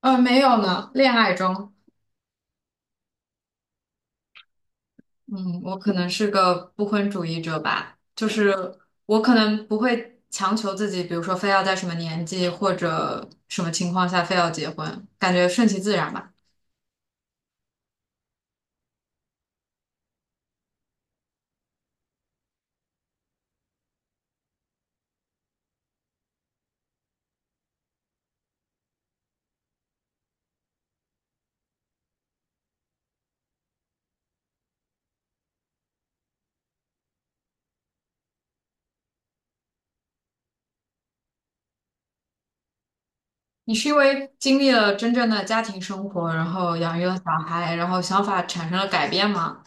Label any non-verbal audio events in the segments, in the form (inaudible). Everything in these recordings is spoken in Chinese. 没有呢，恋爱中。嗯，我可能是个不婚主义者吧。就是我可能不会强求自己，比如说非要在什么年纪或者什么情况下非要结婚，感觉顺其自然吧。你是因为经历了真正的家庭生活，然后养育了小孩，然后想法产生了改变吗？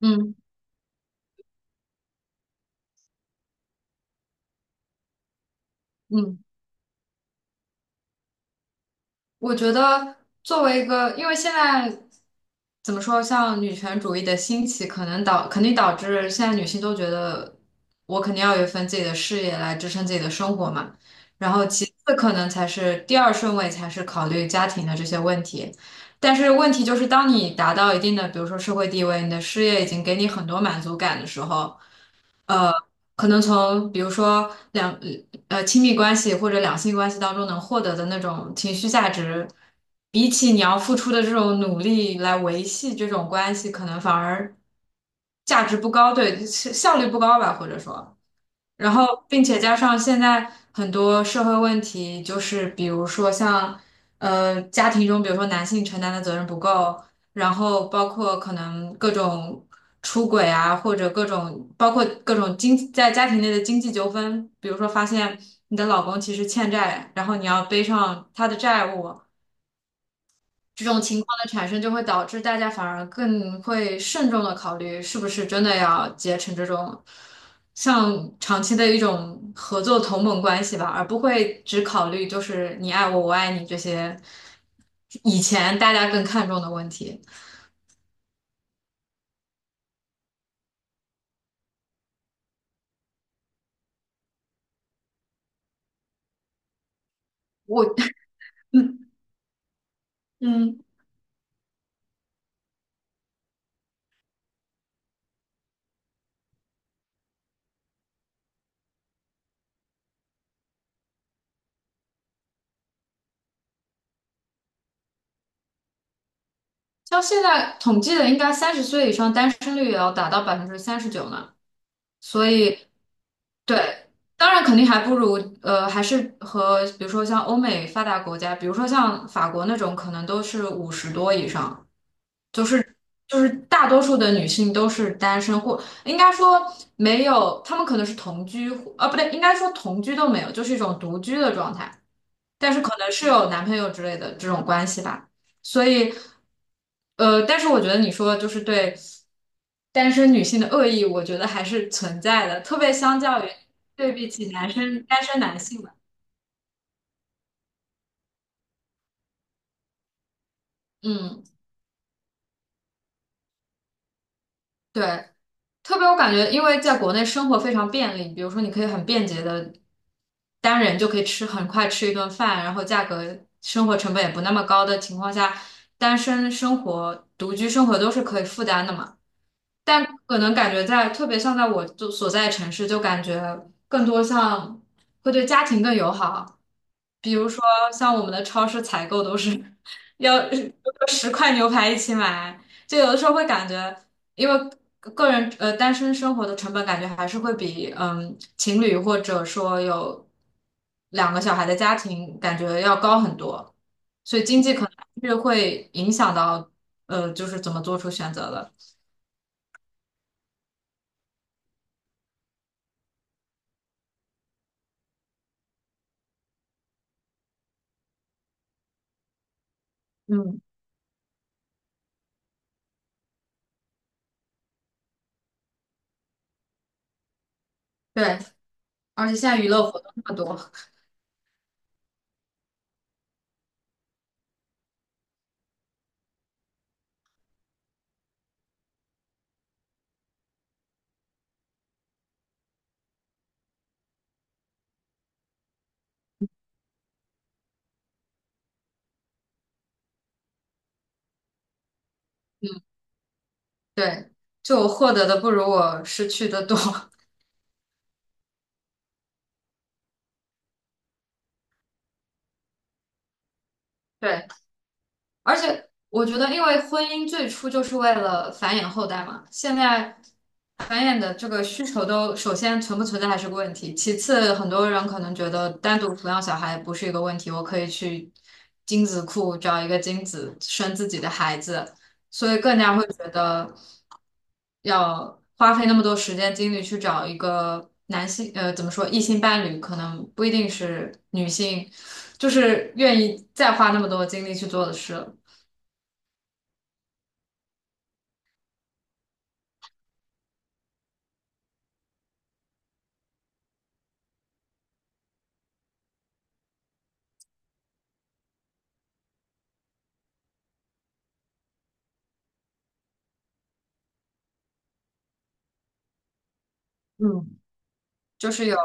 嗯嗯。我觉得作为一个，因为现在怎么说，像女权主义的兴起，可能导肯定导致现在女性都觉得我肯定要有一份自己的事业来支撑自己的生活嘛。然后其次可能才是第二顺位，才是考虑家庭的这些问题。但是问题就是，当你达到一定的，比如说社会地位，你的事业已经给你很多满足感的时候。呃，可能从比如说亲密关系或者两性关系当中能获得的那种情绪价值，比起你要付出的这种努力来维系这种关系，可能反而价值不高。对，效率不高吧，或者说。然后，并且加上现在很多社会问题，就是比如说像，家庭中，比如说男性承担的责任不够，然后包括可能各种出轨啊，或者各种包括各种在家庭内的经济纠纷，比如说发现你的老公其实欠债，然后你要背上他的债务，这种情况的产生就会导致大家反而更会慎重的考虑是不是真的要结成这种像长期的一种合作同盟关系吧，而不会只考虑就是你爱我，我爱你这些以前大家更看重的问题。我 (laughs) 嗯，像现在统计的，应该30岁以上单身率也要达到39%呢，所以。对，当然肯定还不如还是和比如说像欧美发达国家，比如说像法国那种，可能都是50多以上。就是就是大多数的女性都是单身，或应该说没有，她们可能是同居。啊不对，应该说同居都没有，就是一种独居的状态，但是可能是有男朋友之类的这种关系吧。所以但是我觉得你说就是对。单身女性的恶意，我觉得还是存在的，特别相较于对比起男生单身男性吧。嗯，对，特别我感觉，因为在国内生活非常便利，比如说你可以很便捷的单人就可以很快吃一顿饭，然后价格生活成本也不那么高的情况下，单身生活、独居生活都是可以负担的嘛。但可能感觉在，特别像在我就所在城市，就感觉更多像会对家庭更友好。比如说，像我们的超市采购都是 (laughs) 要10块牛排一起买。就有的时候会感觉，因为个人单身生活的成本，感觉还是会比情侣或者说有2个小孩的家庭感觉要高很多，所以经济可能是会影响到就是怎么做出选择的。嗯。对，而且现在娱乐活动那么多。嗯，对，就我获得的不如我失去的多。(laughs) 对。而且我觉得，因为婚姻最初就是为了繁衍后代嘛，现在繁衍的这个需求都首先存不存在还是个问题。其次很多人可能觉得单独抚养小孩不是一个问题，我可以去精子库找一个精子生自己的孩子。所以更加会觉得要花费那么多时间精力去找一个男性，怎么说，异性伴侣，可能不一定是女性，就是愿意再花那么多精力去做的事了。嗯，就是有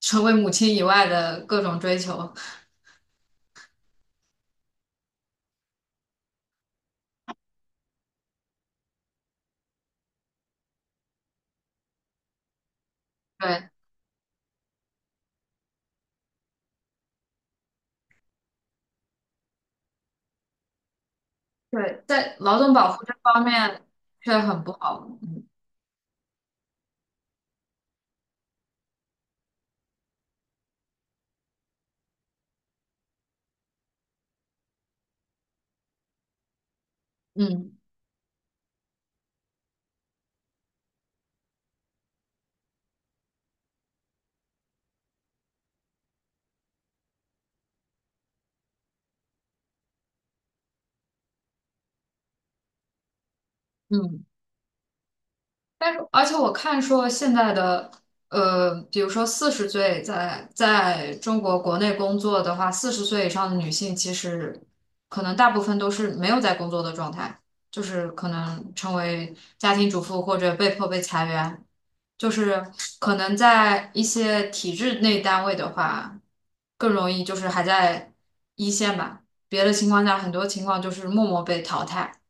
成为母亲以外的各种追求。对。对，在劳动保护这方面却很不好。嗯嗯。但是，而且我看说现在的，比如说四十岁在中国国内工作的话，四十岁以上的女性其实可能大部分都是没有在工作的状态，就是可能成为家庭主妇或者被迫被裁员。就是可能在一些体制内单位的话，更容易就是还在一线吧，别的情况下很多情况就是默默被淘汰。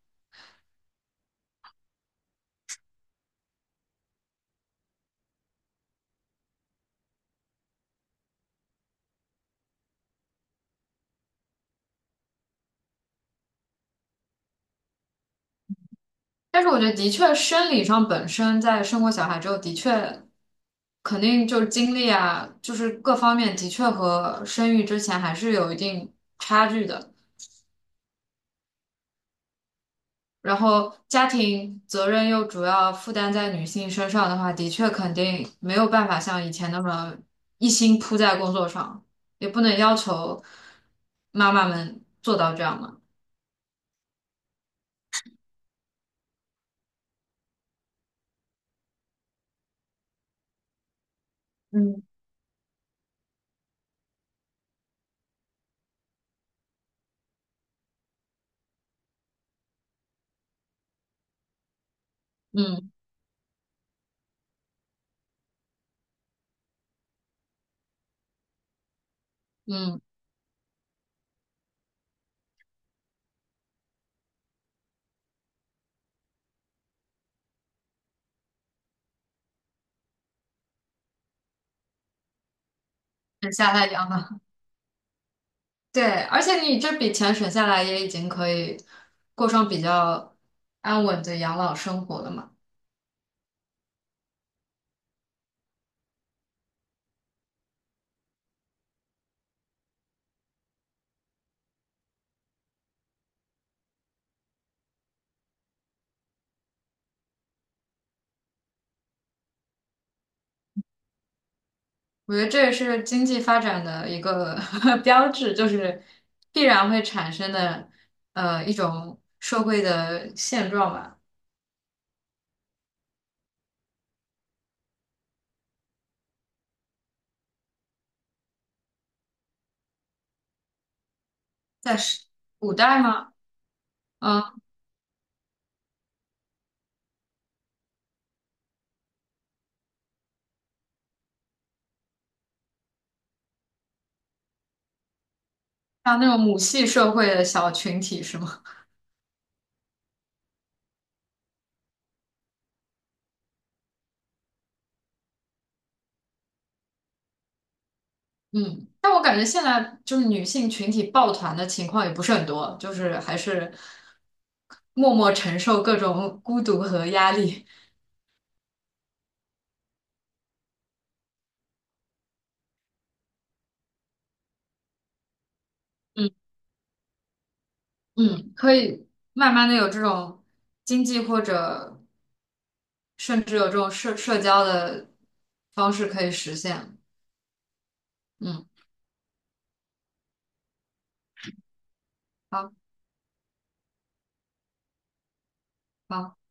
但是我觉得的确，生理上本身在生过小孩之后，的确肯定就是精力啊，就是各方面的确和生育之前还是有一定差距的。然后家庭责任又主要负担在女性身上的话，的确肯定没有办法像以前那么一心扑在工作上，也不能要求妈妈们做到这样嘛。嗯。嗯嗯，很下太阳了。对，而且你这笔钱省下来，也已经可以过上比较安稳的养老生活了嘛。我觉得这也是经济发展的一个 (laughs) 标志，就是必然会产生的一种社会的现状吧。在是古代吗？嗯，像那种母系社会的小群体是吗？嗯，但我感觉现在就是女性群体抱团的情况也不是很多，就是还是默默承受各种孤独和压力。嗯嗯，可以慢慢的有这种经济或者甚至有这种社交的方式可以实现。嗯，好。好